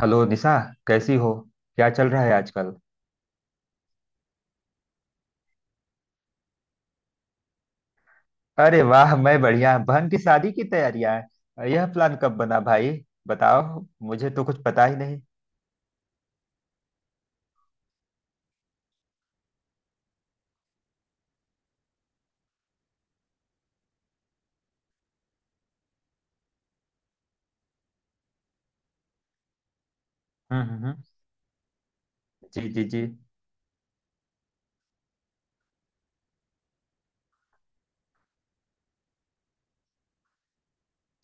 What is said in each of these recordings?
Hello Nisha, कैसी हो? क्या चल रहा है आजकल? अरे वाह, मैं बढ़िया। बहन की शादी की तैयारियां हैं? यह प्लान कब बना भाई, बताओ। मुझे तो कुछ पता ही नहीं। हम्म हम्म हम्म। जी जी जी।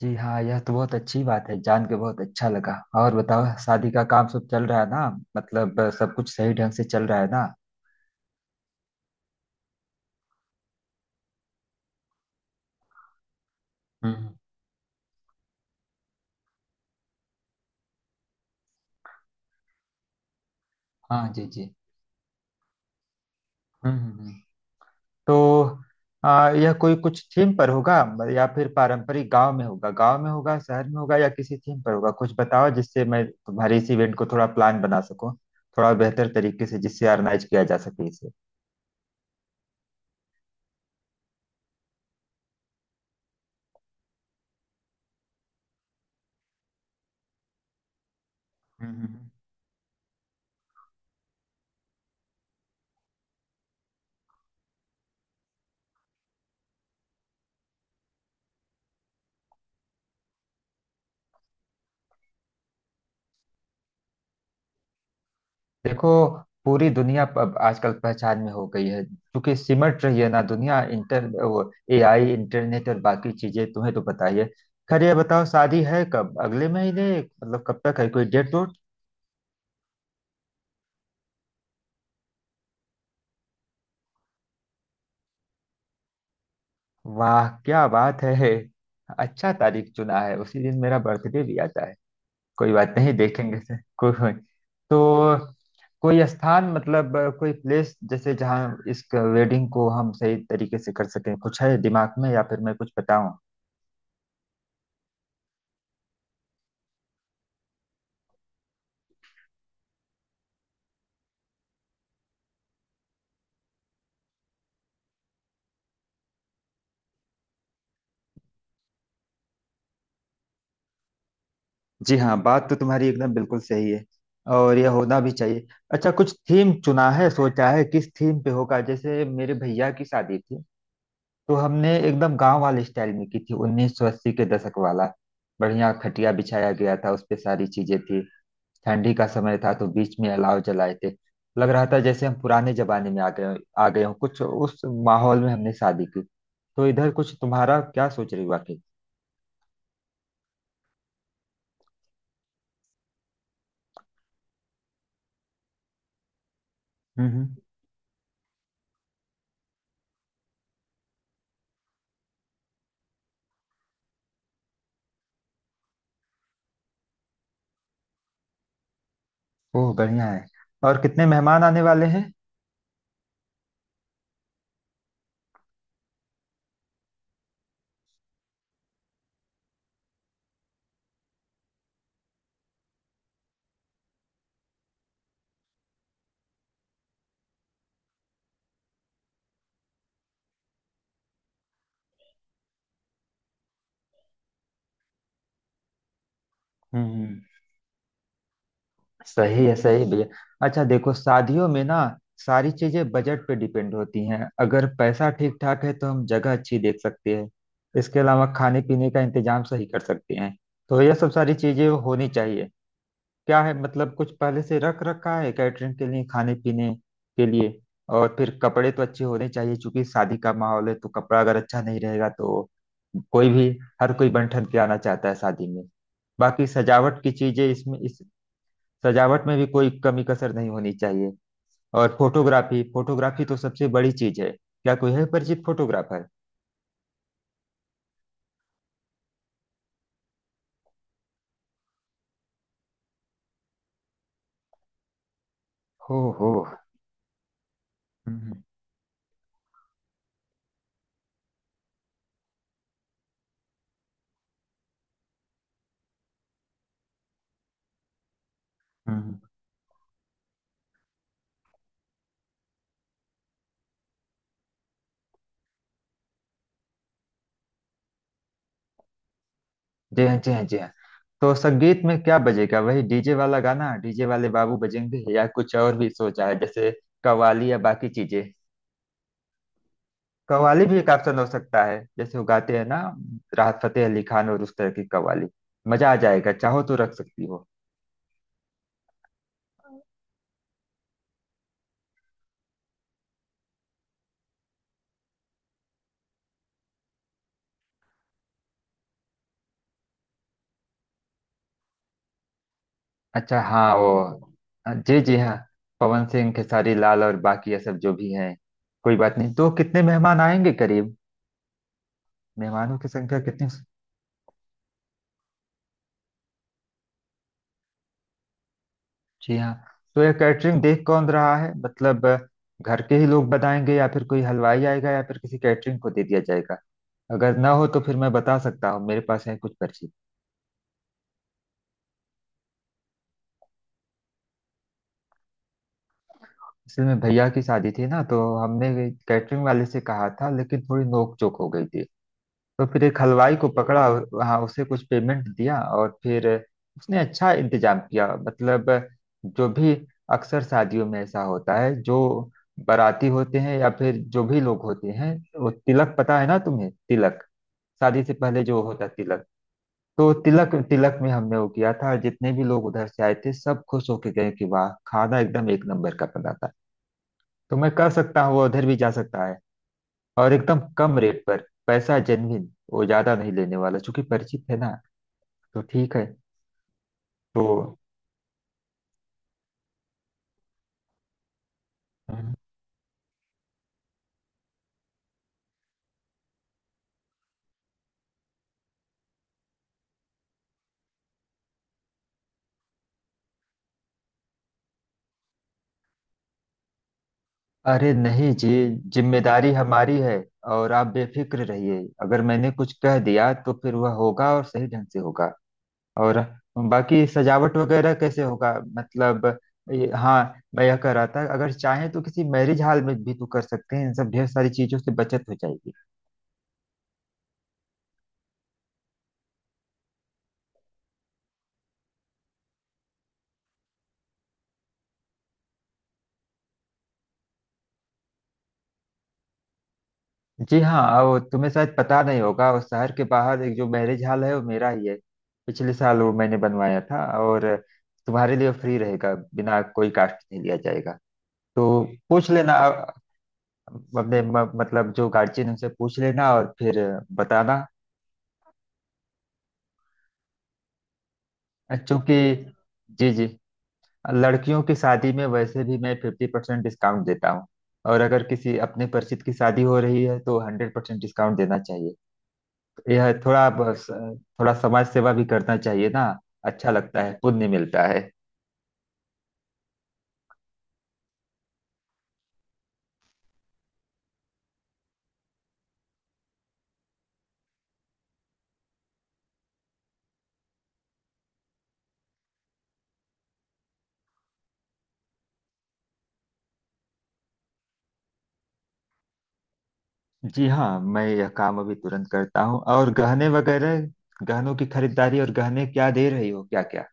जी हाँ, यह तो बहुत अच्छी बात है, जान के बहुत अच्छा लगा। और बताओ, शादी का काम सब चल रहा है ना? मतलब सब कुछ सही ढंग से चल रहा है ना? हम्म। हाँ जी जी। हम्म हम्म, तो यह कोई कुछ थीम पर होगा या फिर पारंपरिक गांव में होगा, गांव में होगा, शहर में होगा या किसी थीम पर होगा? कुछ बताओ जिससे मैं तुम्हारे इस इवेंट को थोड़ा प्लान बना सकूं, थोड़ा बेहतर तरीके से, जिससे ऑर्गेनाइज किया जा सके इसे। हम्म हम्म, हम्म। देखो, पूरी दुनिया अब आजकल पहचान में हो गई है क्योंकि सिमट रही है ना दुनिया। इंटर वो, एआई, इंटरनेट और बाकी चीजें, तुम्हें तो पता ही है। खैर ये बताओ, शादी है कब? अगले महीने मतलब कब तक है? कोई डेट? वाह, क्या बात है। अच्छा तारीख चुना है, उसी दिन मेरा बर्थडे भी आता है। कोई बात नहीं, देखेंगे से कोई। तो कोई स्थान मतलब कोई प्लेस जैसे, जहाँ इस वेडिंग को हम सही तरीके से कर सकें, कुछ है दिमाग में या फिर मैं कुछ बताऊं? जी हाँ, बात तो तुम्हारी एकदम बिल्कुल सही है और यह होना भी चाहिए। अच्छा, कुछ थीम चुना है? सोचा है किस थीम पे होगा? जैसे मेरे भैया की शादी थी, तो हमने एकदम गांव वाले स्टाइल में की थी, 1980 के दशक वाला। बढ़िया खटिया बिछाया गया था, उस पे सारी चीजें थी। ठंडी का समय था तो बीच में अलाव जलाए थे। लग रहा था जैसे हम पुराने जमाने में आ गए हों, कुछ उस माहौल में हमने शादी की। तो इधर कुछ तुम्हारा क्या सोच रही वाकई? हम्म हम्म। ओह, बढ़िया है। और कितने मेहमान आने वाले हैं? हम्म। सही है भैया। अच्छा देखो, शादियों में ना सारी चीजें बजट पे डिपेंड होती हैं। अगर पैसा ठीक ठाक है तो हम जगह अच्छी देख सकते हैं, इसके अलावा खाने पीने का इंतजाम सही कर सकते हैं। तो यह सब सारी चीजें होनी चाहिए। क्या है मतलब, कुछ पहले से रख रखा है कैटरिंग के लिए, खाने पीने के लिए? और फिर कपड़े तो अच्छे होने चाहिए क्योंकि शादी का माहौल है, तो कपड़ा अगर अच्छा नहीं रहेगा तो कोई भी, हर कोई बन ठन के आना चाहता है शादी में। बाकी सजावट की चीजें, इसमें इस सजावट में भी कोई कमी कसर नहीं होनी चाहिए। और फोटोग्राफी, फोटोग्राफी तो सबसे बड़ी चीज है। क्या कोई है परिचित फोटोग्राफर? हो हो। हम्म हम्म, जी हाँ जी हाँ जी हाँ। तो संगीत में क्या बजेगा? वही डीजे वाला गाना, डीजे वाले बाबू बजेंगे या कुछ और भी सोचा है, जैसे कव्वाली या बाकी चीजें। कव्वाली भी एक ऑप्शन हो सकता है। जैसे वो गाते हैं ना, राहत फतेह अली खान और उस तरह की कव्वाली। मजा आ जाएगा, चाहो तो रख सकती हो। अच्छा हाँ वो जी जी हाँ, पवन सिंह, खेसारी लाल और बाकी ये सब जो भी हैं। कोई बात नहीं। तो कितने मेहमान आएंगे करीब? मेहमानों की संख्या कितनी? जी हाँ। तो ये कैटरिंग देख कौन रहा है? मतलब घर के ही लोग बनाएंगे या फिर कोई हलवाई आएगा या फिर किसी कैटरिंग को दे दिया जाएगा? अगर ना हो तो फिर मैं बता सकता हूँ, मेरे पास है कुछ पर्ची। असल में भैया की शादी थी ना, तो हमने कैटरिंग वाले से कहा था, लेकिन थोड़ी नोक चोक हो गई थी। तो फिर एक हलवाई को पकड़ा वहाँ, उसे कुछ पेमेंट दिया और फिर उसने अच्छा इंतजाम किया। मतलब जो भी, अक्सर शादियों में ऐसा होता है जो बाराती होते हैं या फिर जो भी लोग होते हैं, वो तिलक, पता है ना तुम्हें तिलक, शादी से पहले जो होता है तिलक, तो तिलक तिलक में हमने वो किया था, जितने भी लोग उधर से आए थे सब खुश होके गए कि वाह, खाना एकदम एक नंबर का बना था। तो मैं कह सकता हूँ वो उधर भी जा सकता है, और एकदम कम रेट पर। पैसा जेन्युइन, वो ज्यादा नहीं लेने वाला चूंकि परिचित है ना, तो ठीक है तो हम्म। अरे नहीं जी, जिम्मेदारी हमारी है। और आप बेफिक्र रहिए, अगर मैंने कुछ कह दिया तो फिर वह होगा और सही ढंग से होगा। और बाकी सजावट वगैरह कैसे होगा, मतलब हाँ, मैं यह कह रहा था, अगर चाहें तो किसी मैरिज हॉल में भी तो कर सकते हैं। इन सब ढेर सारी चीजों से बचत हो जाएगी। जी हाँ। अब तुम्हें शायद पता नहीं होगा, उस शहर के बाहर एक जो मैरिज हॉल है, वो मेरा ही है। पिछले साल वो मैंने बनवाया था, और तुम्हारे लिए फ्री रहेगा, बिना कोई कास्ट नहीं लिया जाएगा। तो पूछ लेना, मतलब जो गार्जियन, उनसे पूछ लेना और फिर बताना। क्योंकि जी जी, लड़कियों की शादी में वैसे भी मैं फिफ्टी परसेंट डिस्काउंट देता हूँ, और अगर किसी अपने परिचित की शादी हो रही है तो हंड्रेड परसेंट डिस्काउंट देना चाहिए। यह थोड़ा बस, थोड़ा समाज सेवा भी करना चाहिए ना। अच्छा लगता है, पुण्य मिलता है। जी हाँ, मैं यह काम अभी तुरंत करता हूँ। और गहने वगैरह, गहनों की खरीदारी, और गहने क्या दे रही हो, क्या क्या?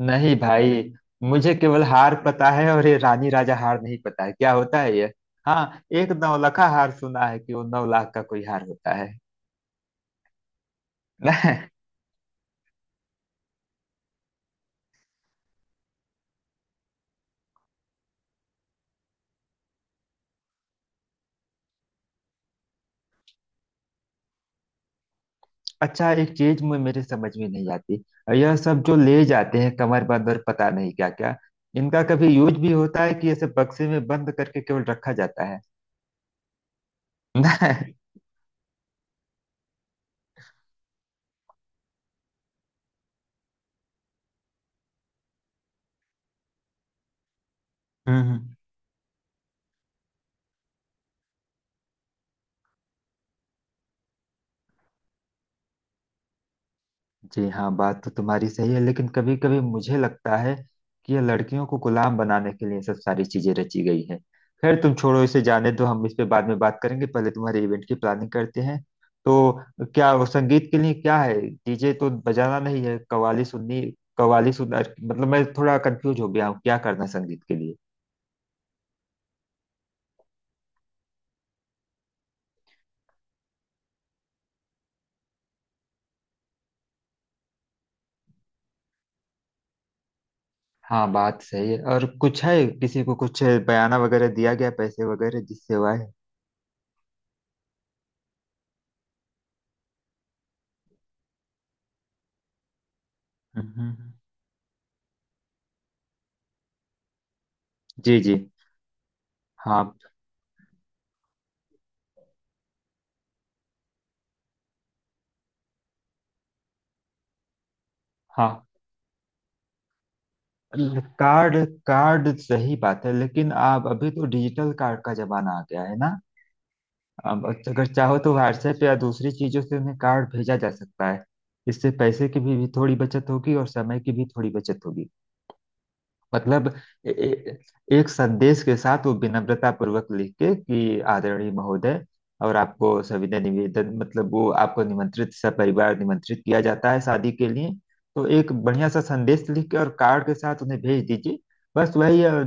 नहीं भाई, मुझे केवल हार पता है, और ये रानी राजा हार नहीं पता है क्या होता है ये। हाँ, एक नौलखा हार सुना है कि वो नौ लाख का कोई हार होता है। अच्छा, एक चीज में मेरे समझ में नहीं आती, यह सब जो ले जाते हैं कमरबंद और पता नहीं क्या क्या, इनका कभी यूज भी होता है कि ये सब बक्से में बंद करके केवल रखा जाता है? हम्म। जी हाँ, बात तो तुम्हारी सही है, लेकिन कभी कभी मुझे लगता है कि ये लड़कियों को गुलाम बनाने के लिए ये सब सारी चीजें रची गई है। खैर तुम छोड़ो, इसे जाने दो, हम इस पे बाद में बात करेंगे, पहले तुम्हारे इवेंट की प्लानिंग करते हैं। तो क्या वो संगीत के लिए क्या है? डीजे तो बजाना नहीं है, कव्वाली सुननी, कव्वाली सुनना, मतलब मैं थोड़ा कंफ्यूज हो गया हूँ क्या करना संगीत के लिए। हाँ बात सही है। और कुछ है, किसी को कुछ बयाना वगैरह दिया गया, पैसे वगैरह, जिससे हुआ है? हम्म, हम्म, हम्म। जी जी हाँ हाँ। कार्ड, कार्ड सही बात है, लेकिन आप, अभी तो डिजिटल कार्ड का जमाना आ गया है ना। अब अगर चाहो तो व्हाट्सएप या दूसरी चीजों से उन्हें कार्ड भेजा जा सकता है। इससे पैसे की भी थोड़ी बचत होगी और समय की भी थोड़ी बचत होगी। मतलब एक संदेश के साथ, वो विनम्रता पूर्वक लिख के कि आदरणीय महोदय, और आपको सविनय निवेदन, मतलब वो आपको निमंत्रित, सपरिवार निमंत्रित किया जाता है शादी के लिए। तो एक बढ़िया सा संदेश लिख के और कार्ड के साथ उन्हें भेज दीजिए। बस वही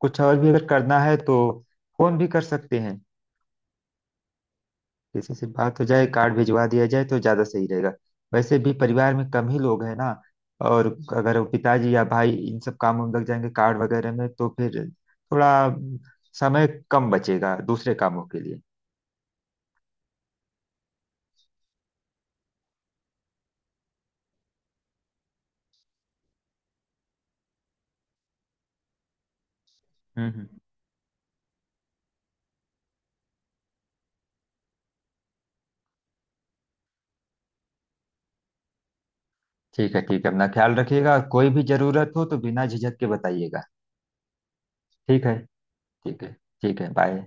कुछ और भी अगर करना है तो फोन भी कर सकते हैं, किसी से बात हो जाए, कार्ड भिजवा दिया जाए तो ज्यादा सही रहेगा। वैसे भी परिवार में कम ही लोग हैं ना, और अगर वो पिताजी या भाई इन सब कामों में लग जाएंगे, कार्ड वगैरह में, तो फिर थोड़ा समय कम बचेगा दूसरे कामों के लिए। हम्म हम्म। ठीक है ठीक है, अपना ख्याल रखिएगा, कोई भी जरूरत हो तो बिना झिझक के बताइएगा। ठीक है, ठीक है, ठीक है, बाय।